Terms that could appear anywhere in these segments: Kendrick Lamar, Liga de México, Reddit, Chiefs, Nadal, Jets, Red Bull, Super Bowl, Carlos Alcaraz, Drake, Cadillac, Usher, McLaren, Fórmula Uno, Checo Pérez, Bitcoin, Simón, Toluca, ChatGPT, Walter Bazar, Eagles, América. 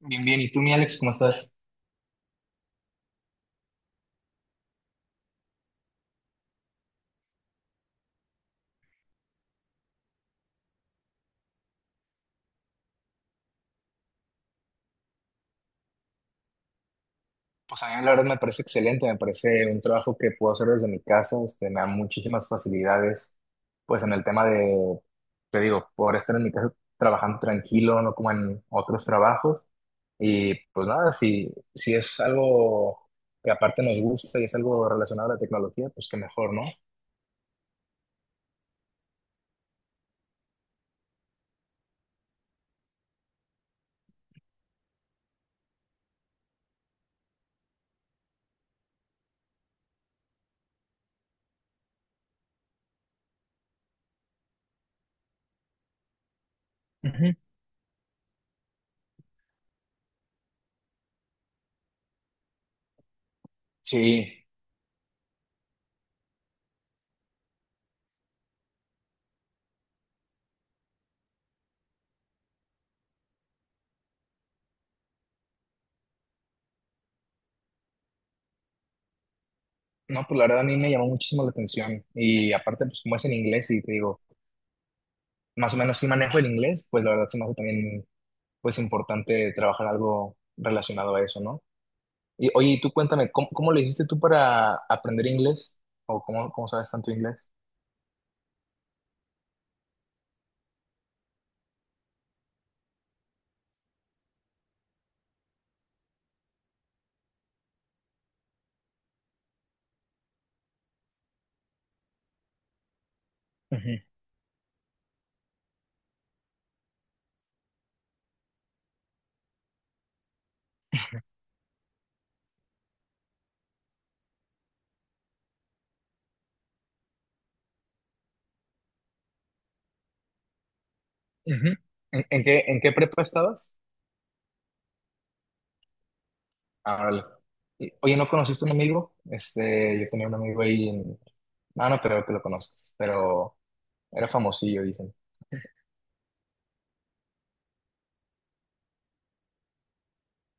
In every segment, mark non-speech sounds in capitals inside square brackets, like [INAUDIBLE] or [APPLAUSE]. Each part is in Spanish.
Bien, bien. ¿Y tú, mi Alex, cómo estás? Pues a mí la verdad me parece excelente, me parece un trabajo que puedo hacer desde mi casa, me da muchísimas facilidades, pues en el tema de, te digo, poder estar en mi casa trabajando tranquilo, no como en otros trabajos. Y pues nada, si, si es algo que aparte nos gusta y es algo relacionado a la tecnología, pues qué mejor, ¿no? Ujú. Sí, no, pues la verdad a mí me llamó muchísimo la atención y aparte pues como es en inglés y te digo, más o menos sí manejo el inglés, pues la verdad se me hace también pues importante trabajar algo relacionado a eso, ¿no? Y oye, y tú cuéntame, ¿cómo le hiciste tú para aprender inglés? ¿O cómo sabes tanto inglés? Ujú, ujú. ¿En qué prepa estabas? Ah, órale. Y, oye, ¿no conociste un amigo? Yo tenía un amigo ahí en... No, no creo que lo conozcas, pero era famosillo, dicen.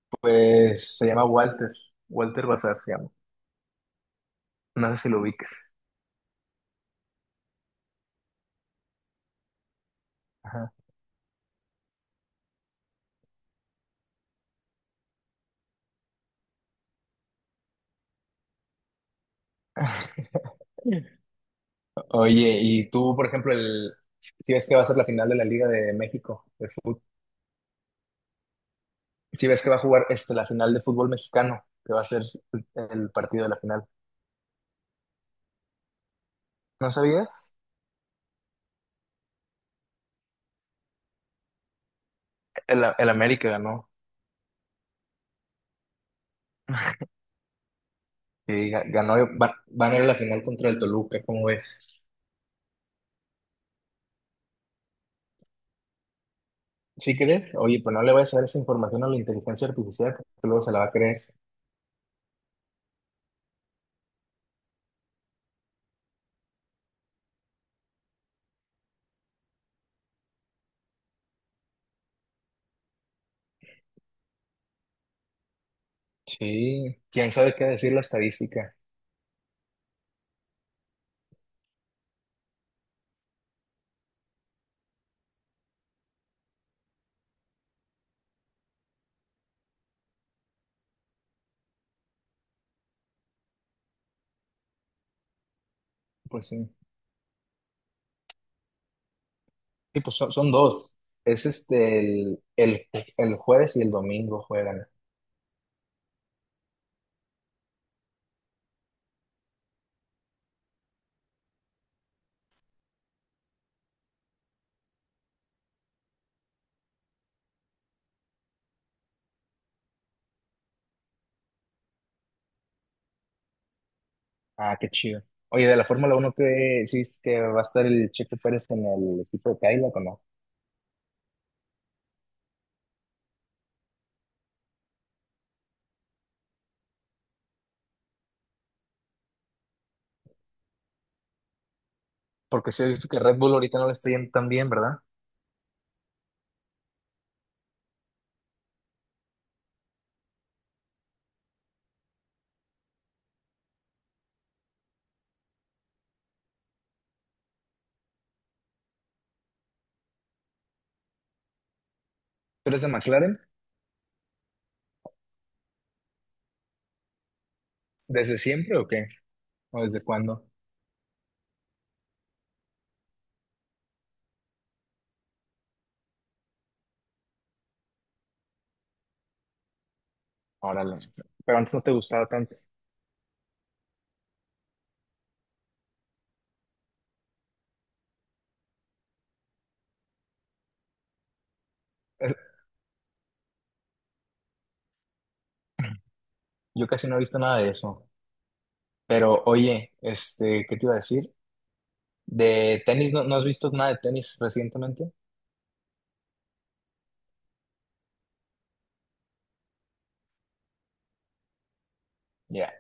Pues se llama Walter, Walter Bazar se llama. No sé si lo ubiques. Ajá. [LAUGHS] Oye, y tú, por ejemplo, si ves que va a ser la final de la Liga de México de fútbol, si ves que va a jugar la final de fútbol mexicano, que va a ser el, el partido de la final. ¿No sabías? El América ganó, y ganó, van a ir a la final contra el Toluca, ¿cómo ves? ¿Sí crees? Oye, pues no le vayas a dar esa información a la inteligencia artificial, porque luego se la va a creer. Sí, quién sabe qué decir la estadística. Pues sí. Sí, pues son, son dos. Es el jueves y el domingo juegan. Ah, qué chido. Oye, de la Fórmula Uno, ¿qué sí es que va a estar el Checo Pérez en el equipo de Cadillac o no? Porque sí he visto que Red Bull ahorita no le está yendo tan bien, ¿verdad? ¿Tú eres de McLaren? ¿Desde siempre o qué? ¿O desde cuándo? Órale. Pero antes no te gustaba tanto. Es- Yo casi no he visto nada de eso. Pero oye, ¿qué te iba a decir? ¿De tenis no, no has visto nada de tenis recientemente? Ya.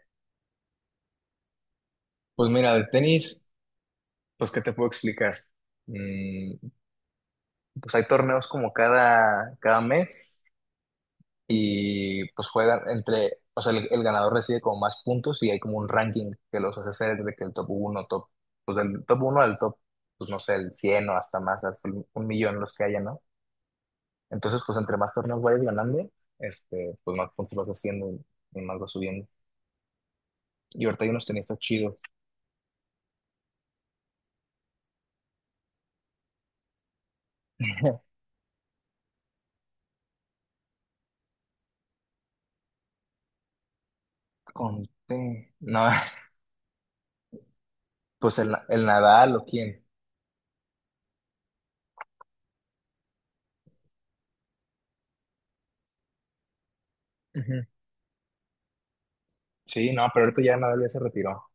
Pues mira, de tenis, pues ¿qué te puedo explicar? Mm, pues hay torneos como cada mes. Y pues juegan entre, o sea, el ganador recibe como más puntos y hay como un ranking que los hace ser de que el top uno pues del top uno al top, pues no sé, el 100 o hasta más, un millón los que haya, ¿no? Entonces, pues entre más torneos vayas ganando, pues más puntos vas haciendo y más vas subiendo. Y ahorita hay unos tenistas chidos. [LAUGHS] Conté. No, [LAUGHS] pues el Nadal o quién. Ujú. Sí, no, pero ahorita ya Nadal ya se retiró.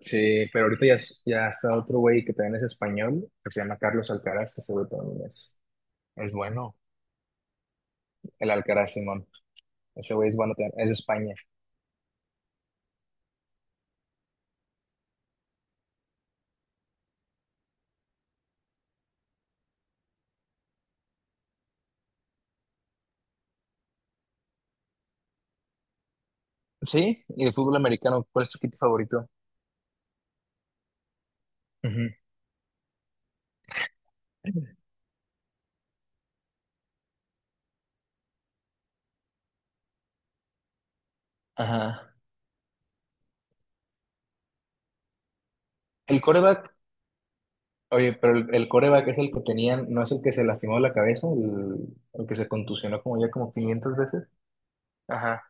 Sí, pero ahorita ya, ya está otro güey que también es español, que se llama Carlos Alcaraz, que ese güey también es bueno. El Alcaraz, Simón. Ese güey es bueno también, es de España. Sí, y de fútbol americano, ¿cuál es tu equipo favorito? Ujú. Ajá. El coreback, oye, pero el coreback es el que tenían, ¿no es el que se lastimó la cabeza? El que se contusionó como ya como 500 veces. Ajá.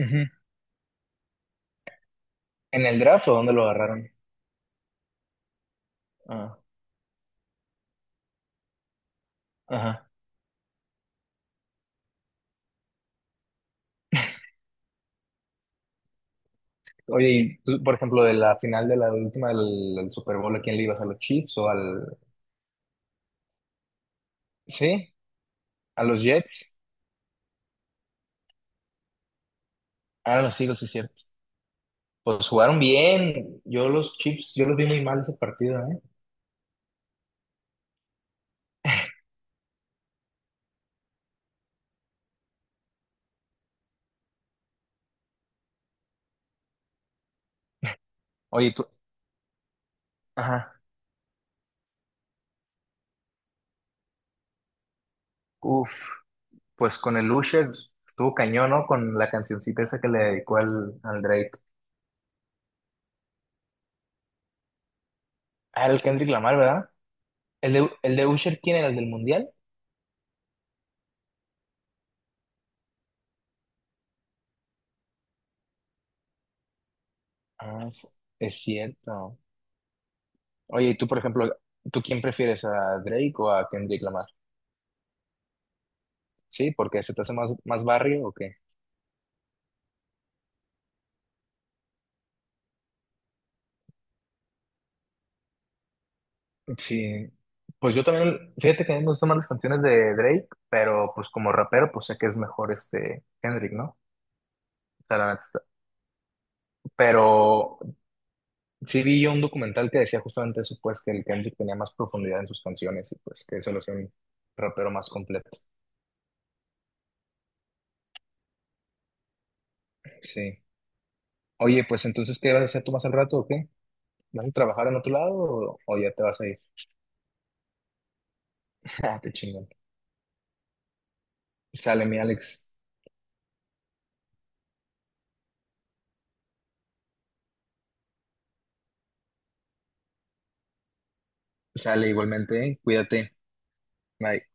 Ujú. ¿En el draft o dónde lo agarraron? Ah, ajá. Oye, y tú, por ejemplo, de la final de la última del Super Bowl, ¿a quién le ibas? ¿A los Chiefs o al... Sí, a los Jets? Ah, a los Eagles, sí, es cierto. Pues jugaron bien. Yo los Chiefs, yo los vi muy mal ese partido, ¿eh? Oye, tú... Ajá. Uf, pues con el Usher estuvo cañón, ¿no? Con la cancioncita esa que le dedicó al Drake. Ah, el Kendrick Lamar, ¿verdad? ¿El el de Usher quién era? ¿El del Mundial? Ah, es cierto. Oye, y tú, por ejemplo, ¿tú quién prefieres? ¿A Drake o a Kendrick Lamar? Sí, porque se te hace más, más barrio o qué. Sí, pues yo también, fíjate que a mí me gustan más las canciones de Drake, pero pues como rapero, pues sé que es mejor este Kendrick, ¿no? O sea, la neta está- Pero sí vi yo un documental que decía justamente eso, pues que el Kendrick tenía más profundidad en sus canciones y pues que eso lo hacía un rapero más completo. Sí. Oye, pues entonces, ¿qué vas a hacer tú más al rato o qué? ¿Vas a trabajar en otro lado o ya te vas a ir? [LAUGHS] Ah, qué chingón. Sale mi Alex. Sale igualmente, ¿eh? Cuídate. Bye.